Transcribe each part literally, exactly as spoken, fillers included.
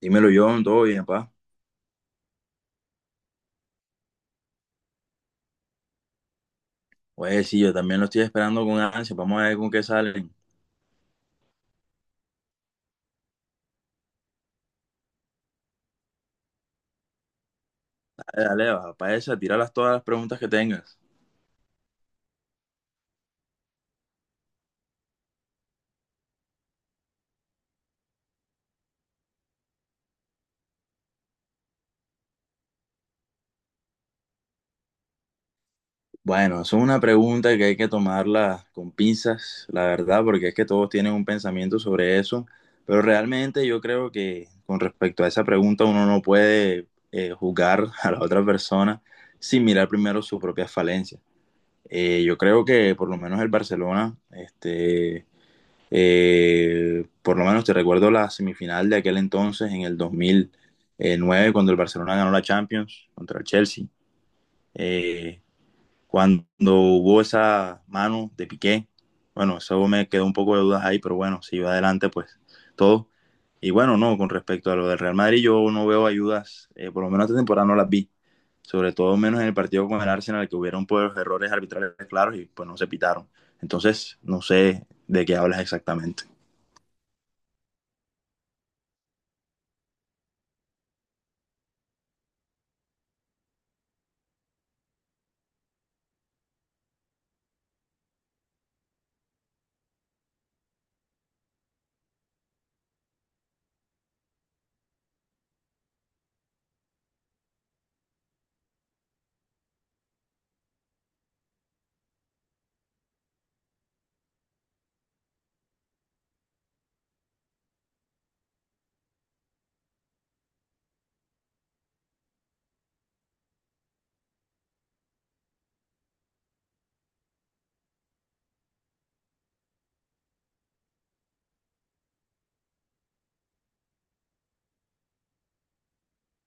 Dímelo, John, todo bien, pa. Pues sí, yo también lo estoy esperando con ansia. Vamos a ver con qué salen. Dale, dale, va, pa esa, tíralas todas las preguntas que tengas. Bueno, eso es una pregunta que hay que tomarla con pinzas, la verdad, porque es que todos tienen un pensamiento sobre eso. Pero realmente yo creo que con respecto a esa pregunta uno no puede eh, juzgar a la otra persona sin mirar primero sus propias falencias. Eh, yo creo que por lo menos el Barcelona, este Eh, por lo menos te recuerdo la semifinal de aquel entonces, en el dos mil nueve, cuando el Barcelona ganó la Champions contra el Chelsea. Eh, cuando hubo esa mano de Piqué, bueno, eso me quedó un poco de dudas ahí, pero bueno, si va adelante, pues todo. Y bueno, no, con respecto a lo del Real Madrid, yo no veo ayudas, eh, por lo menos esta temporada no las vi, sobre todo menos en el partido con el Arsenal, que hubieron pues, errores arbitrales claros y pues no se pitaron. Entonces, no sé de qué hablas exactamente.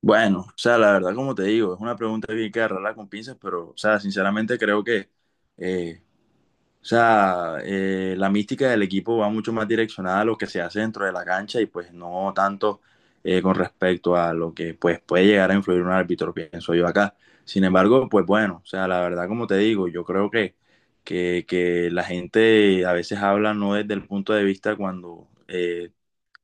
Bueno, o sea, la verdad, como te digo, es una pregunta bien que agarrarla con pinzas, pero, o sea, sinceramente creo que, eh, o sea, eh, la mística del equipo va mucho más direccionada a lo que se hace dentro de la cancha y pues no tanto eh, con respecto a lo que pues puede llegar a influir un árbitro, pienso yo acá. Sin embargo, pues bueno, o sea, la verdad, como te digo, yo creo que, que, que la gente a veces habla no desde el punto de vista cuando... eh,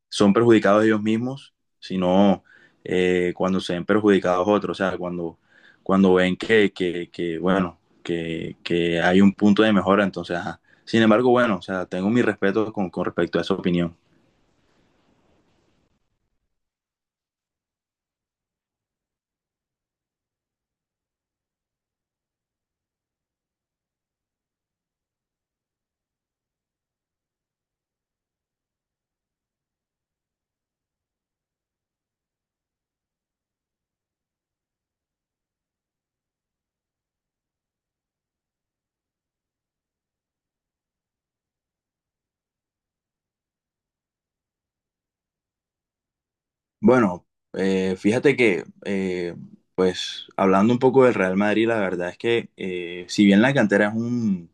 son perjudicados ellos mismos, sino eh, cuando se ven perjudicados otros, o sea, cuando, cuando ven que, que, que bueno, que, que, hay un punto de mejora, entonces, ajá. Sin embargo, bueno, o sea, tengo mi respeto con, con respecto a esa opinión. Bueno, eh, fíjate que, eh, pues, hablando un poco del Real Madrid, la verdad es que, eh, si bien la cantera es un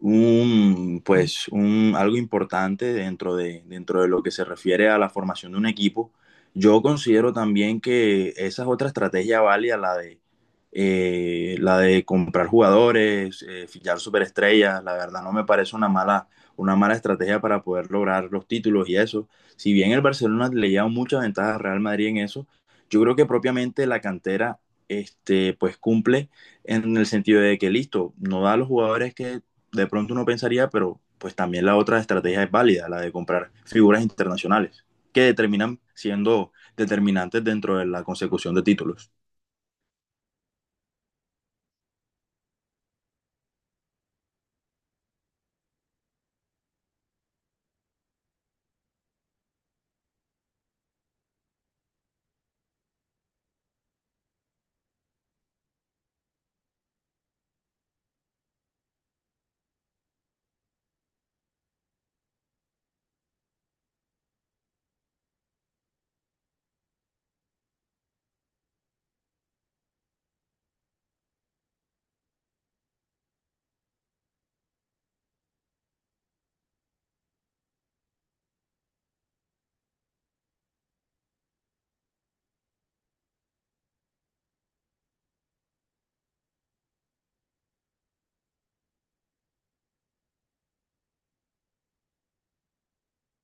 un, pues, un, algo importante dentro de, dentro de lo que se refiere a la formación de un equipo. Yo considero también que esa es otra estrategia válida, la de, eh, la de comprar jugadores, eh, fichar superestrellas. La verdad no me parece una mala, una mala estrategia para poder lograr los títulos y eso. Si bien el Barcelona le lleva muchas ventajas a Real Madrid en eso, yo creo que propiamente la cantera este, pues cumple en el sentido de que listo, no da a los jugadores que de pronto uno pensaría, pero pues también la otra estrategia es válida, la de comprar figuras internacionales, que determinan siendo determinantes dentro de la consecución de títulos.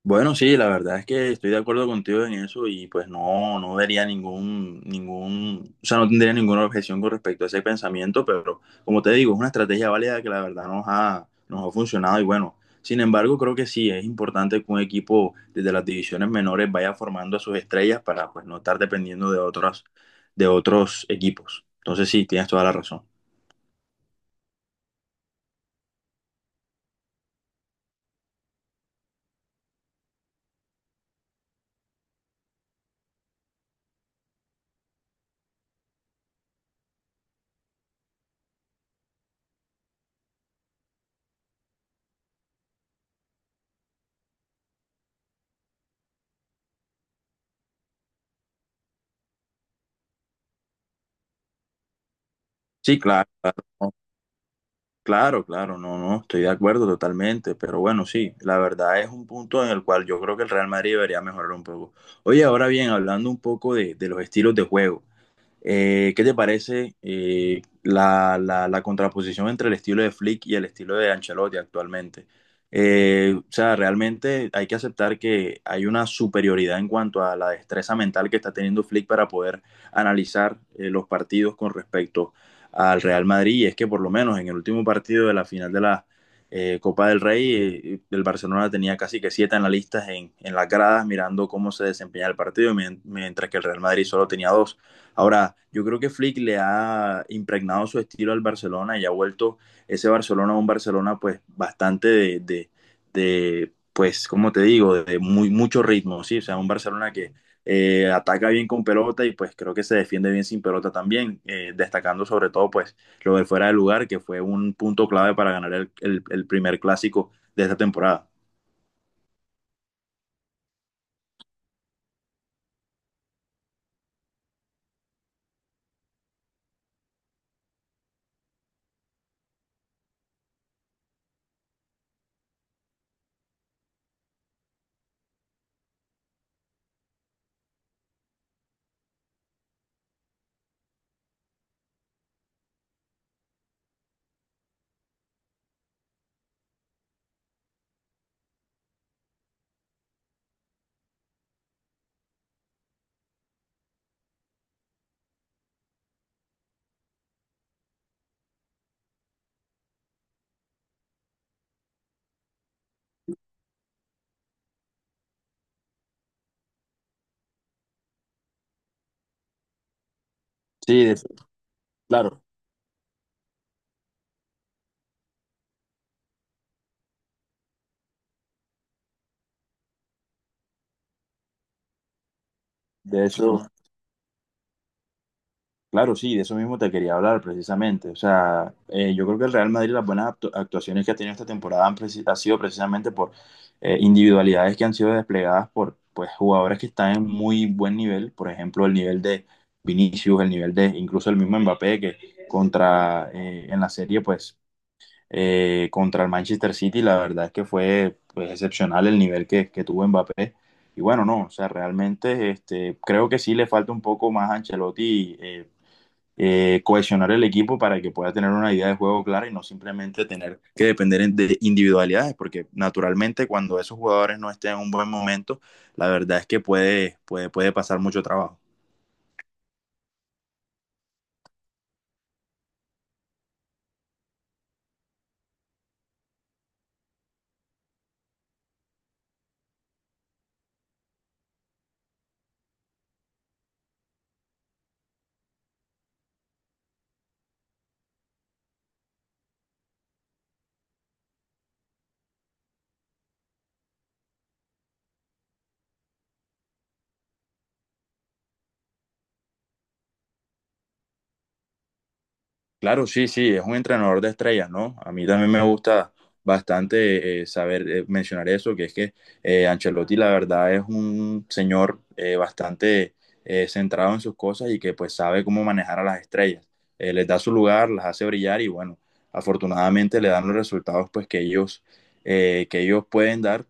Bueno, sí, la verdad es que estoy de acuerdo contigo en eso y pues no, no vería ningún, ningún, o sea, no tendría ninguna objeción con respecto a ese pensamiento, pero como te digo, es una estrategia válida que la verdad nos ha, nos ha funcionado y bueno, sin embargo, creo que sí, es importante que un equipo desde las divisiones menores vaya formando a sus estrellas para pues no estar dependiendo de otras, de otros equipos. Entonces sí, tienes toda la razón. Sí, claro. Claro. Claro, claro, no, no, estoy de acuerdo totalmente, pero bueno, sí, la verdad es un punto en el cual yo creo que el Real Madrid debería mejorar un poco. Oye, ahora bien, hablando un poco de, de los estilos de juego, eh, ¿qué te parece eh, la, la- la contraposición entre el estilo de Flick y el estilo de Ancelotti actualmente? Eh, o sea, realmente hay que aceptar que hay una superioridad en cuanto a la destreza mental que está teniendo Flick para poder analizar eh, los partidos con respecto al Real Madrid. Y es que por lo menos en el último partido de la final de la eh, Copa del Rey, eh, el Barcelona tenía casi que siete analistas en, en las gradas mirando cómo se desempeñaba el partido, mien- mientras que el Real Madrid solo tenía dos. Ahora, yo creo que Flick le ha impregnado su estilo al Barcelona y ha vuelto ese Barcelona a un Barcelona pues bastante de, de, de pues, como te digo, de muy, mucho ritmo, ¿sí? O sea, un Barcelona que eh, ataca bien con pelota y pues creo que se defiende bien sin pelota también, eh, destacando sobre todo pues lo de fuera de lugar, que fue un punto clave para ganar el, el, el primer clásico de esta temporada. De eso, Claro, sí, de eso mismo te quería hablar precisamente. O sea, eh, yo creo que el Real Madrid, las buenas actu- actuaciones que ha tenido esta temporada han, preci- ha sido precisamente por eh, individualidades que han sido desplegadas por pues, jugadores que están en muy buen nivel. Por ejemplo, el nivel de Vinicius, el nivel de incluso el mismo Mbappé, que contra eh, en la serie, pues eh, contra el Manchester City, la verdad es que fue pues, excepcional el nivel que, que tuvo Mbappé. Y bueno, no, o sea, realmente este, creo que sí le falta un poco más a Ancelotti. Eh, eh, cohesionar el equipo para que pueda tener una idea de juego clara y no simplemente tener que depender de individualidades, porque naturalmente cuando esos jugadores no estén en un buen momento, la verdad es que puede, puede, puede pasar mucho trabajo. Claro, sí, sí, es un entrenador de estrellas, ¿no? A mí también me gusta bastante eh, saber eh, mencionar eso, que es que eh, Ancelotti la verdad es un señor eh, bastante eh, centrado en sus cosas y que pues sabe cómo manejar a las estrellas. Eh, les da su lugar, las hace brillar y bueno, afortunadamente le dan los resultados pues que ellos, eh, que ellos pueden dar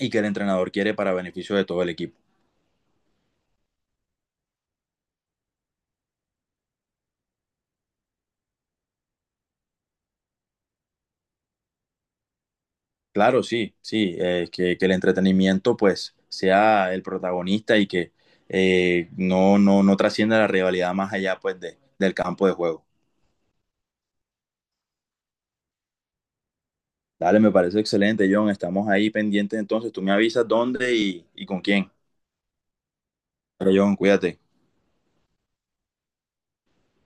y que el entrenador quiere para beneficio de todo el equipo. Claro, sí, sí, eh, que, que el entretenimiento pues sea el protagonista y que eh, no, no, no trascienda la rivalidad más allá pues de, del campo de juego. Dale, me parece excelente, John. Estamos ahí pendientes entonces. Tú me avisas dónde y, y con quién. Pero John, cuídate.